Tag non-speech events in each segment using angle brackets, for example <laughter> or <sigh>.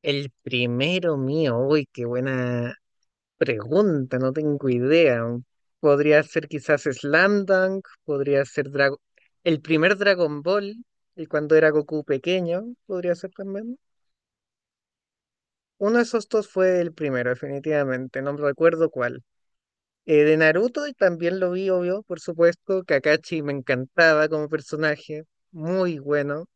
El primero mío, uy, qué buena pregunta, no tengo idea. Podría ser quizás Slam Dunk, podría ser Dragon... El primer Dragon Ball, el cuando era Goku pequeño, podría ser también. Uno de esos dos fue el primero, definitivamente, no recuerdo cuál. De Naruto y también lo vi, obvio, por supuesto. Kakashi me encantaba como personaje, muy bueno.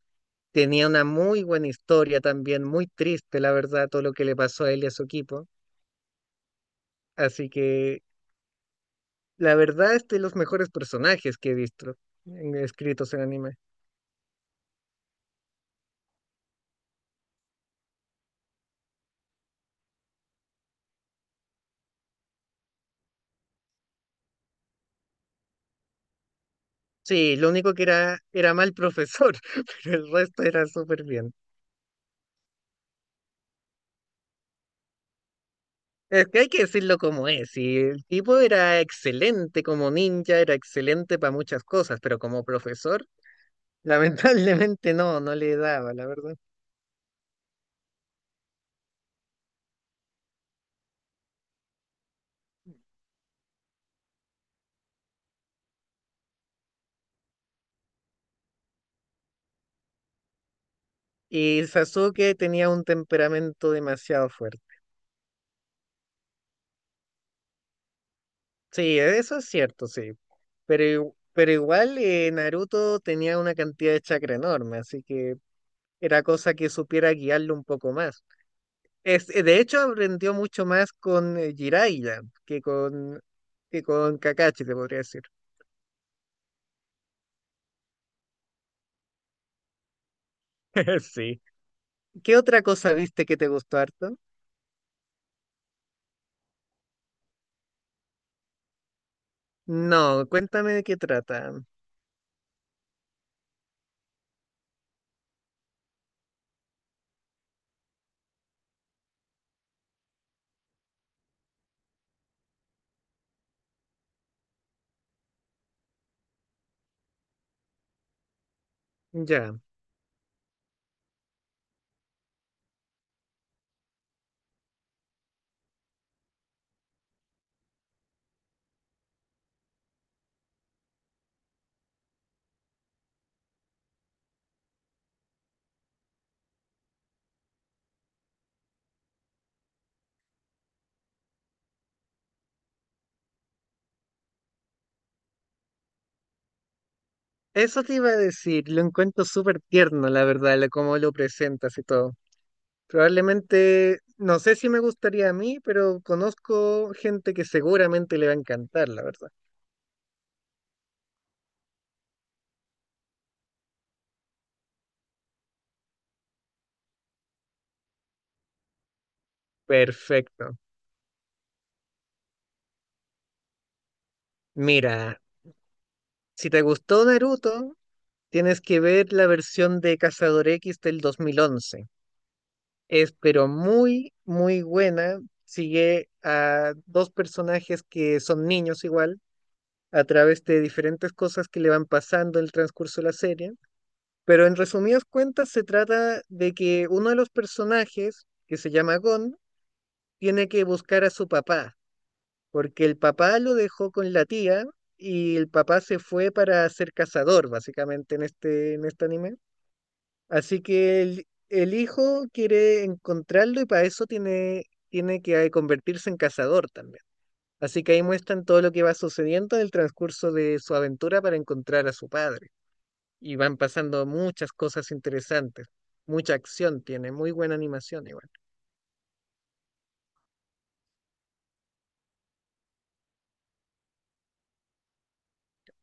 Tenía una muy buena historia también, muy triste, la verdad, todo lo que le pasó a él y a su equipo. Así que la verdad es de los mejores personajes que he visto escritos en anime. Sí, lo único que era mal profesor, <laughs> pero el resto era súper bien. Es que hay que decirlo como es, y el tipo era excelente como ninja, era excelente para muchas cosas, pero como profesor, <laughs> lamentablemente no, no le daba, la verdad. Y Sasuke tenía un temperamento demasiado fuerte. Sí, eso es cierto, sí. Pero igual, Naruto tenía una cantidad de chakra enorme, así que era cosa que supiera guiarlo un poco más. De hecho, aprendió mucho más con Jiraiya que con Kakashi, te podría decir. <laughs> Sí. ¿Qué otra cosa viste que te gustó harto? No, cuéntame de qué trata. Ya, eso te iba a decir, lo encuentro súper tierno, la verdad, cómo lo presentas y todo. Probablemente, no sé si me gustaría a mí, pero conozco gente que seguramente le va a encantar, la verdad. Perfecto. Mira, si te gustó Naruto, tienes que ver la versión de Cazador X del 2011. Es pero muy, muy buena. Sigue a dos personajes que son niños igual, a través de diferentes cosas que le van pasando en el transcurso de la serie. Pero en resumidas cuentas, se trata de que uno de los personajes, que se llama Gon, tiene que buscar a su papá, porque el papá lo dejó con la tía y el papá se fue para ser cazador, básicamente, en este anime. Así que el hijo quiere encontrarlo y para eso tiene que convertirse en cazador también. Así que ahí muestran todo lo que va sucediendo en el transcurso de su aventura para encontrar a su padre. Y van pasando muchas cosas interesantes. Mucha acción tiene, muy buena animación igual.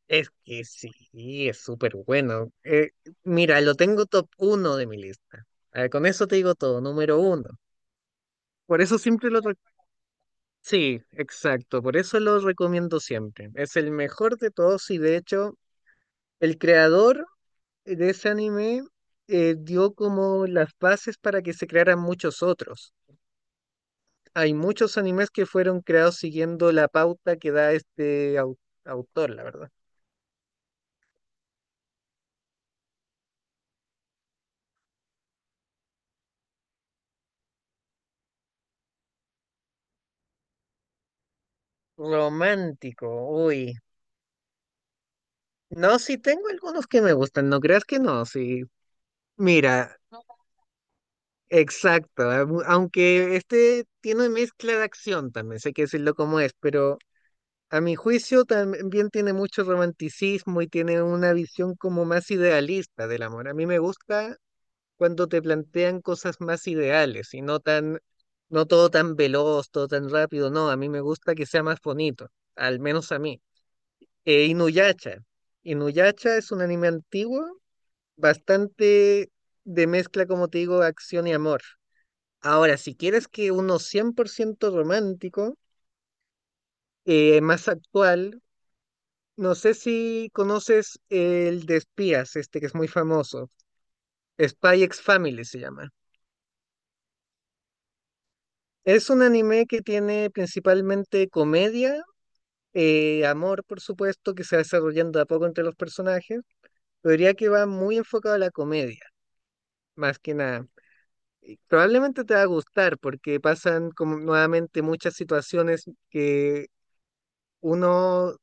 Es que sí, es súper bueno. Mira, lo tengo top uno de mi lista. Ah, con eso te digo todo, número uno. Por eso siempre lo... rec- Sí, exacto, por eso lo recomiendo siempre. Es el mejor de todos y de hecho el creador de ese anime dio como las bases para que se crearan muchos otros. Hay muchos animes que fueron creados siguiendo la pauta que da este autor, la verdad. Romántico, uy. No, sí tengo algunos que me gustan, no creas que no, sí. Mira, exacto, aunque este tiene mezcla de acción también, sé que decirlo como es, pero a mi juicio también tiene mucho romanticismo y tiene una visión como más idealista del amor. A mí me gusta cuando te plantean cosas más ideales y no tan, no todo tan veloz, todo tan rápido, no, a mí me gusta que sea más bonito, al menos a mí. Inuyasha. Inuyasha es un anime antiguo bastante de mezcla, como te digo, acción y amor. Ahora, si quieres que uno 100% romántico, más actual, no sé si conoces el de espías, este que es muy famoso, Spy X Family se llama. Es un anime que tiene principalmente comedia, amor, por supuesto, que se va desarrollando de a poco entre los personajes, pero diría que va muy enfocado a la comedia, más que nada. Y probablemente te va a gustar porque pasan como nuevamente muchas situaciones que uno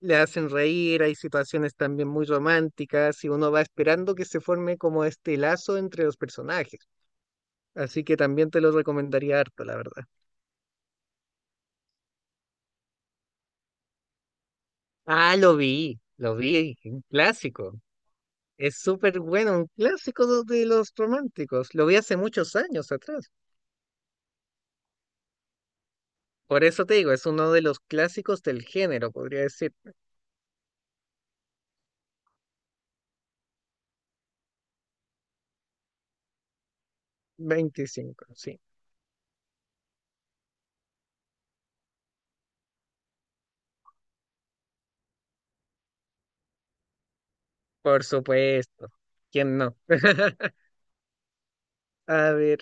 le hacen reír, hay situaciones también muy románticas y uno va esperando que se forme como este lazo entre los personajes. Así que también te lo recomendaría harto, la verdad. Ah, lo vi, un clásico. Es súper bueno, un clásico de los románticos. Lo vi hace muchos años atrás. Por eso te digo, es uno de los clásicos del género, podría decir. 25 sí. Por supuesto. ¿Quién no? <laughs> A ver,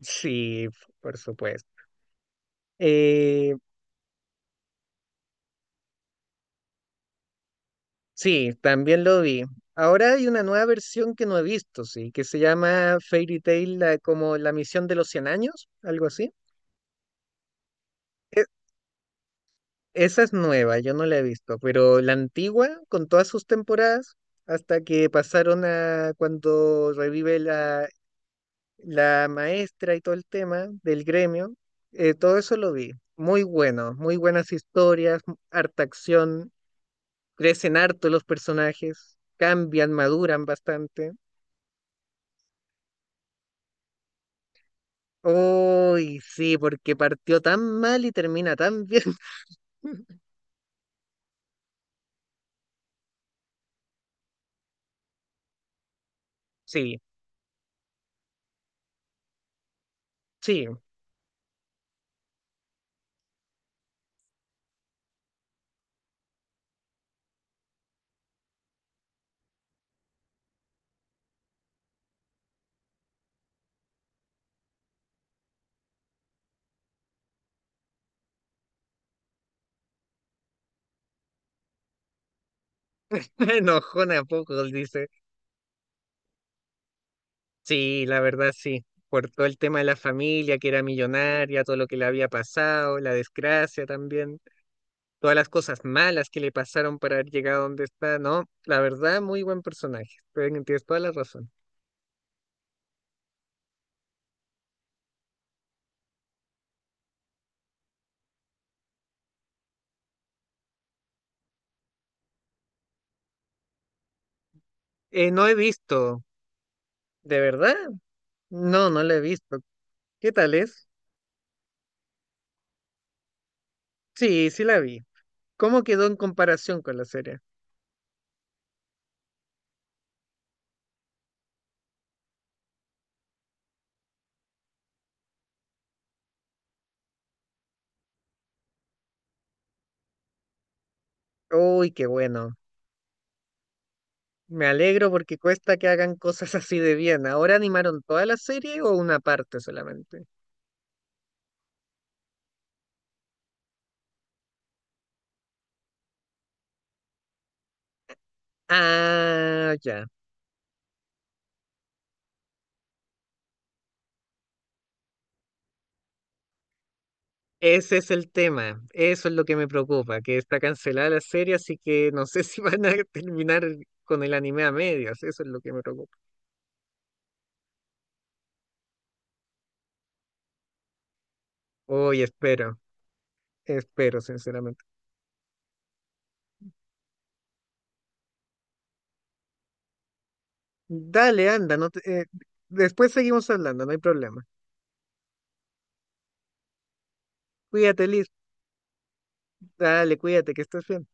sí, por supuesto. Eh, sí, también lo vi. Ahora hay una nueva versión que no he visto, sí, que se llama Fairy Tail, como la misión de los 100 años, algo así. E- Esa es nueva, yo no la he visto, pero la antigua, con todas sus temporadas, hasta que pasaron a cuando revive la maestra y todo el tema del gremio, todo eso lo vi. Muy bueno, muy buenas historias, harta acción, crecen harto los personajes, cambian, maduran bastante. Uy, sí, porque partió tan mal y termina tan bien. <laughs> Sí, sí, <laughs> enojona a poco, dice. Sí, la verdad sí, por todo el tema de la familia que era millonaria, todo lo que le había pasado, la desgracia también. Todas las cosas malas que le pasaron para haber llegado donde está, ¿no? La verdad, muy buen personaje, tienes toda la razón. No he visto, ¿de verdad? No, no la he visto. ¿Qué tal es? Sí, sí la vi. ¿Cómo quedó en comparación con la serie? Uy, qué bueno. Me alegro porque cuesta que hagan cosas <laughs> así de bien. ¿Ahora animaron toda la serie o una parte solamente? Ah, ya. Ese es el tema, eso es lo que me preocupa, que está cancelada la serie, así que no sé <laughs> si van a terminar con el anime a medias, eso es lo que me preocupa. Hoy espero, espero sinceramente. Dale, anda, no te- después seguimos hablando, no hay problema. Cuídate, Liz, dale, cuídate, que estés bien.